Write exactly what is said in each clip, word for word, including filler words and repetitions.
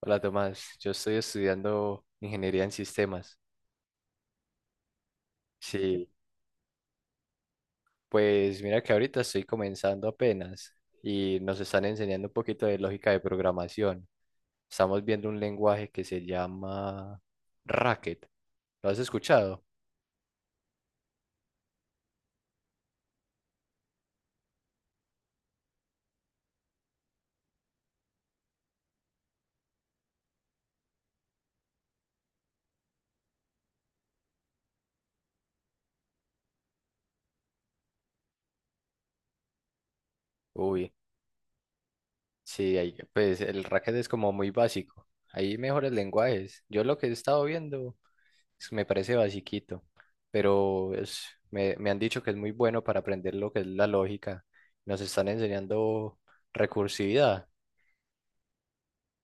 Hola Tomás, yo estoy estudiando ingeniería en sistemas. Sí, pues mira que ahorita estoy comenzando apenas y nos están enseñando un poquito de lógica de programación. Estamos viendo un lenguaje que se llama Racket. ¿Lo has escuchado? Uy, sí, ahí- pues el Racket es como muy básico. Hay mejores lenguajes. Yo lo que he estado viendo Es- me parece basiquito, pero es, me, me han dicho que es muy bueno para aprender lo que es la lógica. Nos están enseñando recursividad.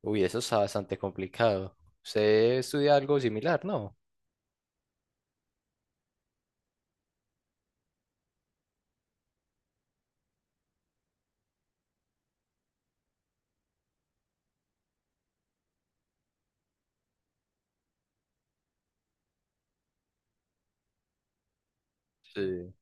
Uy, eso está bastante complicado. Usted estudia algo similar, ¿no? Sí.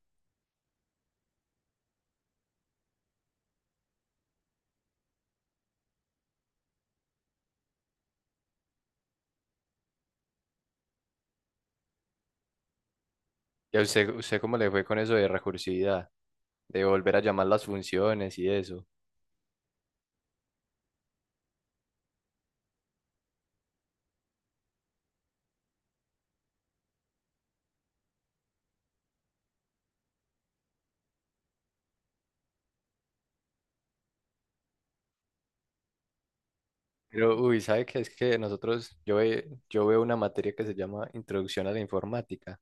¿Y a usted, usted cómo le fue con eso de recursividad? De volver a llamar las funciones y eso. Pero, uy, ¿sabe qué? Es que nosotros, yo, ve- yo veo una materia que se llama Introducción a la Informática,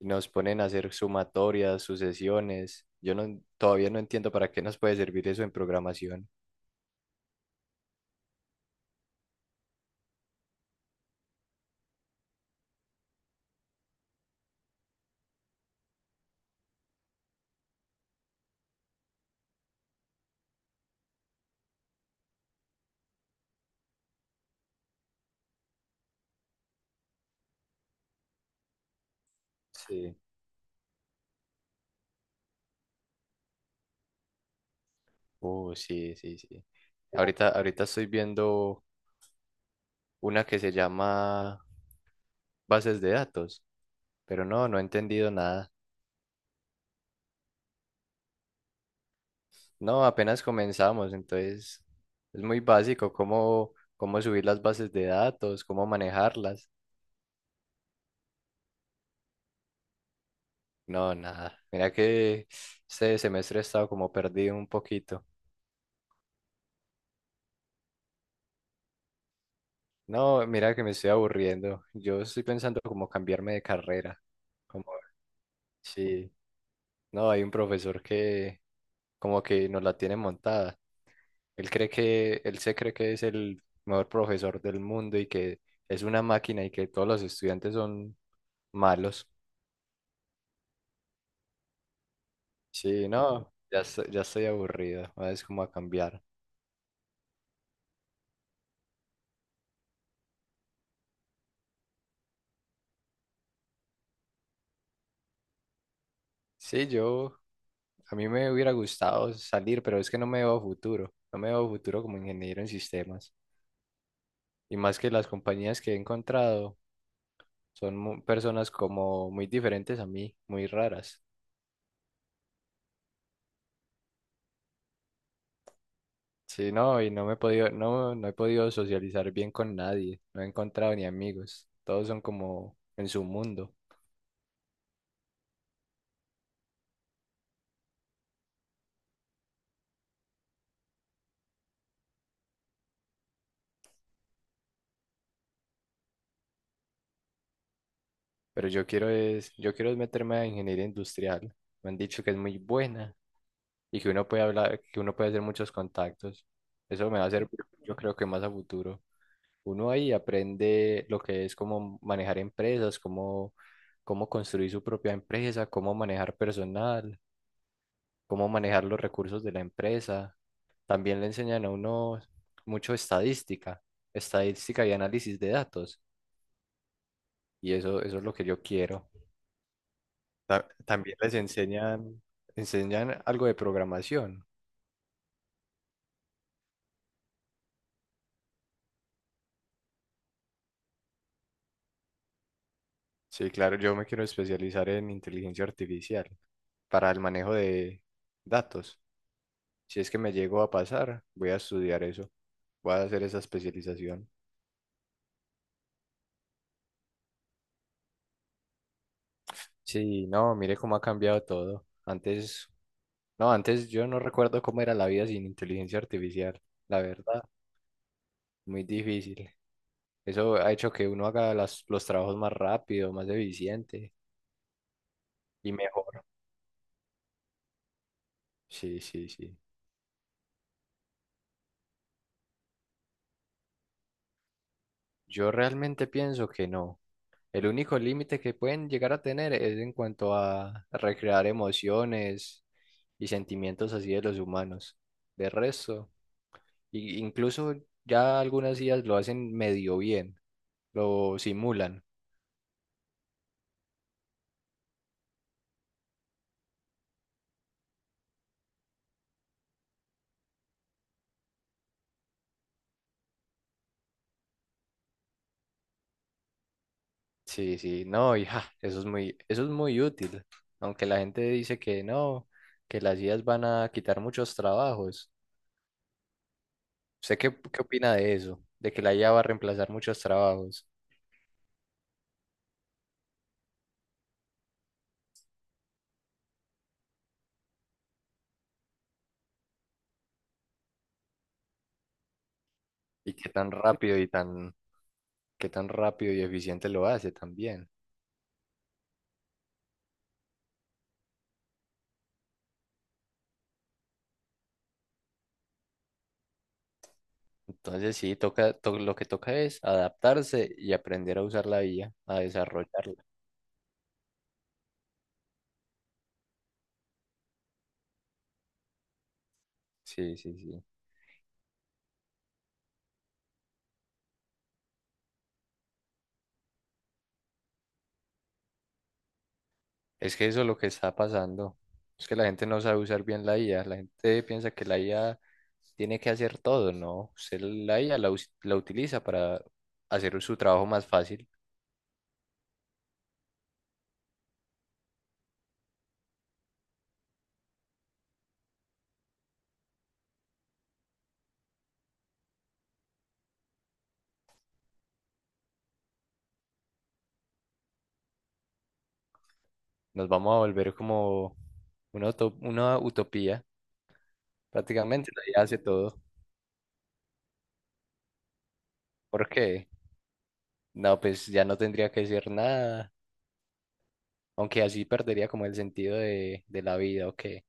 y nos ponen a hacer sumatorias, sucesiones. Yo no, todavía no entiendo para qué nos puede servir eso en programación. Sí. Uh, sí, sí, sí. Ahorita, ahorita estoy viendo una que se llama bases de datos, pero no, no he entendido nada. No, apenas comenzamos, entonces es muy básico cómo, cómo subir las bases de datos, cómo manejarlas. No, nada. Mira que este semestre he estado como perdido un poquito. No, mira que me estoy aburriendo. Yo estoy pensando como cambiarme de carrera. Como, sí, no, hay un profesor que como que nos la tiene montada. Él cree que, él se cree que es el mejor profesor del mundo y que es una máquina y que todos los estudiantes son malos. Sí, no, ya estoy, ya estoy aburrido, ¿no? Es como a cambiar. Sí, yo, a mí me hubiera gustado salir, pero es que no me veo futuro. No me veo futuro como ingeniero en sistemas. Y más que las compañías que he encontrado. Son mu- personas como muy diferentes a mí, muy raras. Sí, no, y no me he podido, no, no he podido socializar bien con nadie. No he encontrado ni amigos. Todos son como en su mundo. Pero yo quiero es, yo quiero es meterme a ingeniería industrial. Me han dicho que es muy buena y que uno puede hablar, que uno puede hacer muchos contactos. Eso me va a servir, yo creo que más a futuro. Uno ahí aprende lo que es como manejar empresas, cómo, cómo construir su propia empresa, cómo manejar personal, cómo manejar los recursos de la empresa. También le enseñan a uno mucho estadística, estadística y análisis de datos. Y eso, eso es lo que yo quiero. Ta- también les enseñan, enseñan algo de programación. Sí, claro, yo me quiero especializar en inteligencia artificial para el manejo de datos. Si es que me llego a pasar, voy a estudiar eso, voy a hacer esa especialización. Sí, no, mire cómo ha cambiado todo. Antes no, antes yo no recuerdo cómo era la vida sin inteligencia artificial, la verdad, muy difícil. Eso ha hecho que uno haga las- los trabajos más rápido, más eficiente y mejor. Sí, sí, sí. Yo realmente pienso que no. El único límite que pueden llegar a tener es en cuanto a recrear emociones y sentimientos así de los humanos. De resto, y- incluso ya algunas ideas lo hacen medio bien, lo simulan. Sí, sí, no, hija, eso es muy, eso es muy útil. Aunque la gente dice que no, que las I As van a quitar muchos trabajos. ¿Usted qué, qué opina de eso? De que la I A va a reemplazar muchos trabajos y qué tan rápido y tan, qué tan rápido y eficiente lo hace también. Entonces sí, toca, to- lo que toca es adaptarse y aprender a usar la I A, a a desarrollarla. Sí, sí, sí. Es que eso es lo que está pasando. Es que la gente no sabe usar bien la I A. La gente piensa que la I A tiene que hacer todo, ¿no? Usted la I A la, us- la utiliza para hacer su trabajo más fácil. Nos vamos a volver como una, uto- una utopía. Prácticamente la I A hace todo. ¿Por qué? No, pues ya no tendría que decir nada. Aunque así perdería como el sentido de, de la vida, ¿o qué?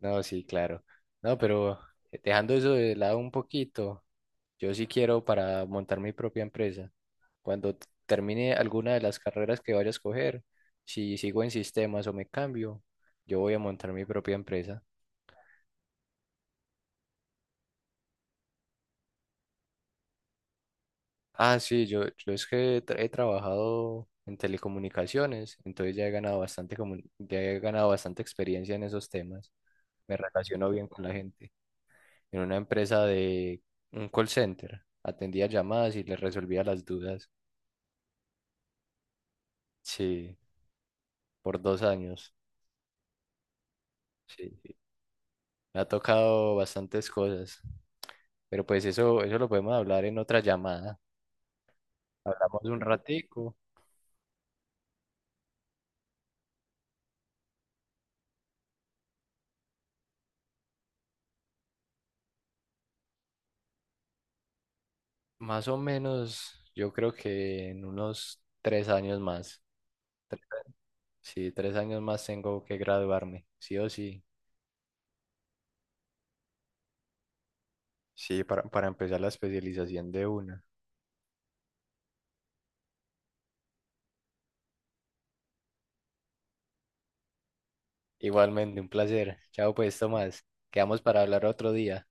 No, sí, claro. No, pero dejando eso de lado un poquito. Yo sí quiero para montar mi propia empresa. Cuando t- termine alguna de las carreras que vaya a escoger, si sigo en sistemas o me cambio, yo voy a montar mi propia empresa. Ah, sí, yo, yo es que tra- he trabajado en telecomunicaciones, entonces ya he ganado bastante, comu- ya he ganado bastante experiencia en esos temas. Me relaciono bien con la gente. En una empresa de un call center, atendía llamadas y les resolvía las dudas. Sí, por dos años. Sí. Me ha tocado bastantes cosas, pero pues eso, eso lo podemos hablar en otra llamada. Hablamos un ratico, más o menos, yo creo que en unos tres años más. Tres- sí, tres años más tengo que graduarme, sí o sí. Sí, para, para empezar la especialización de una. Igualmente, un placer. Chao pues, Tomás. Quedamos para hablar otro día.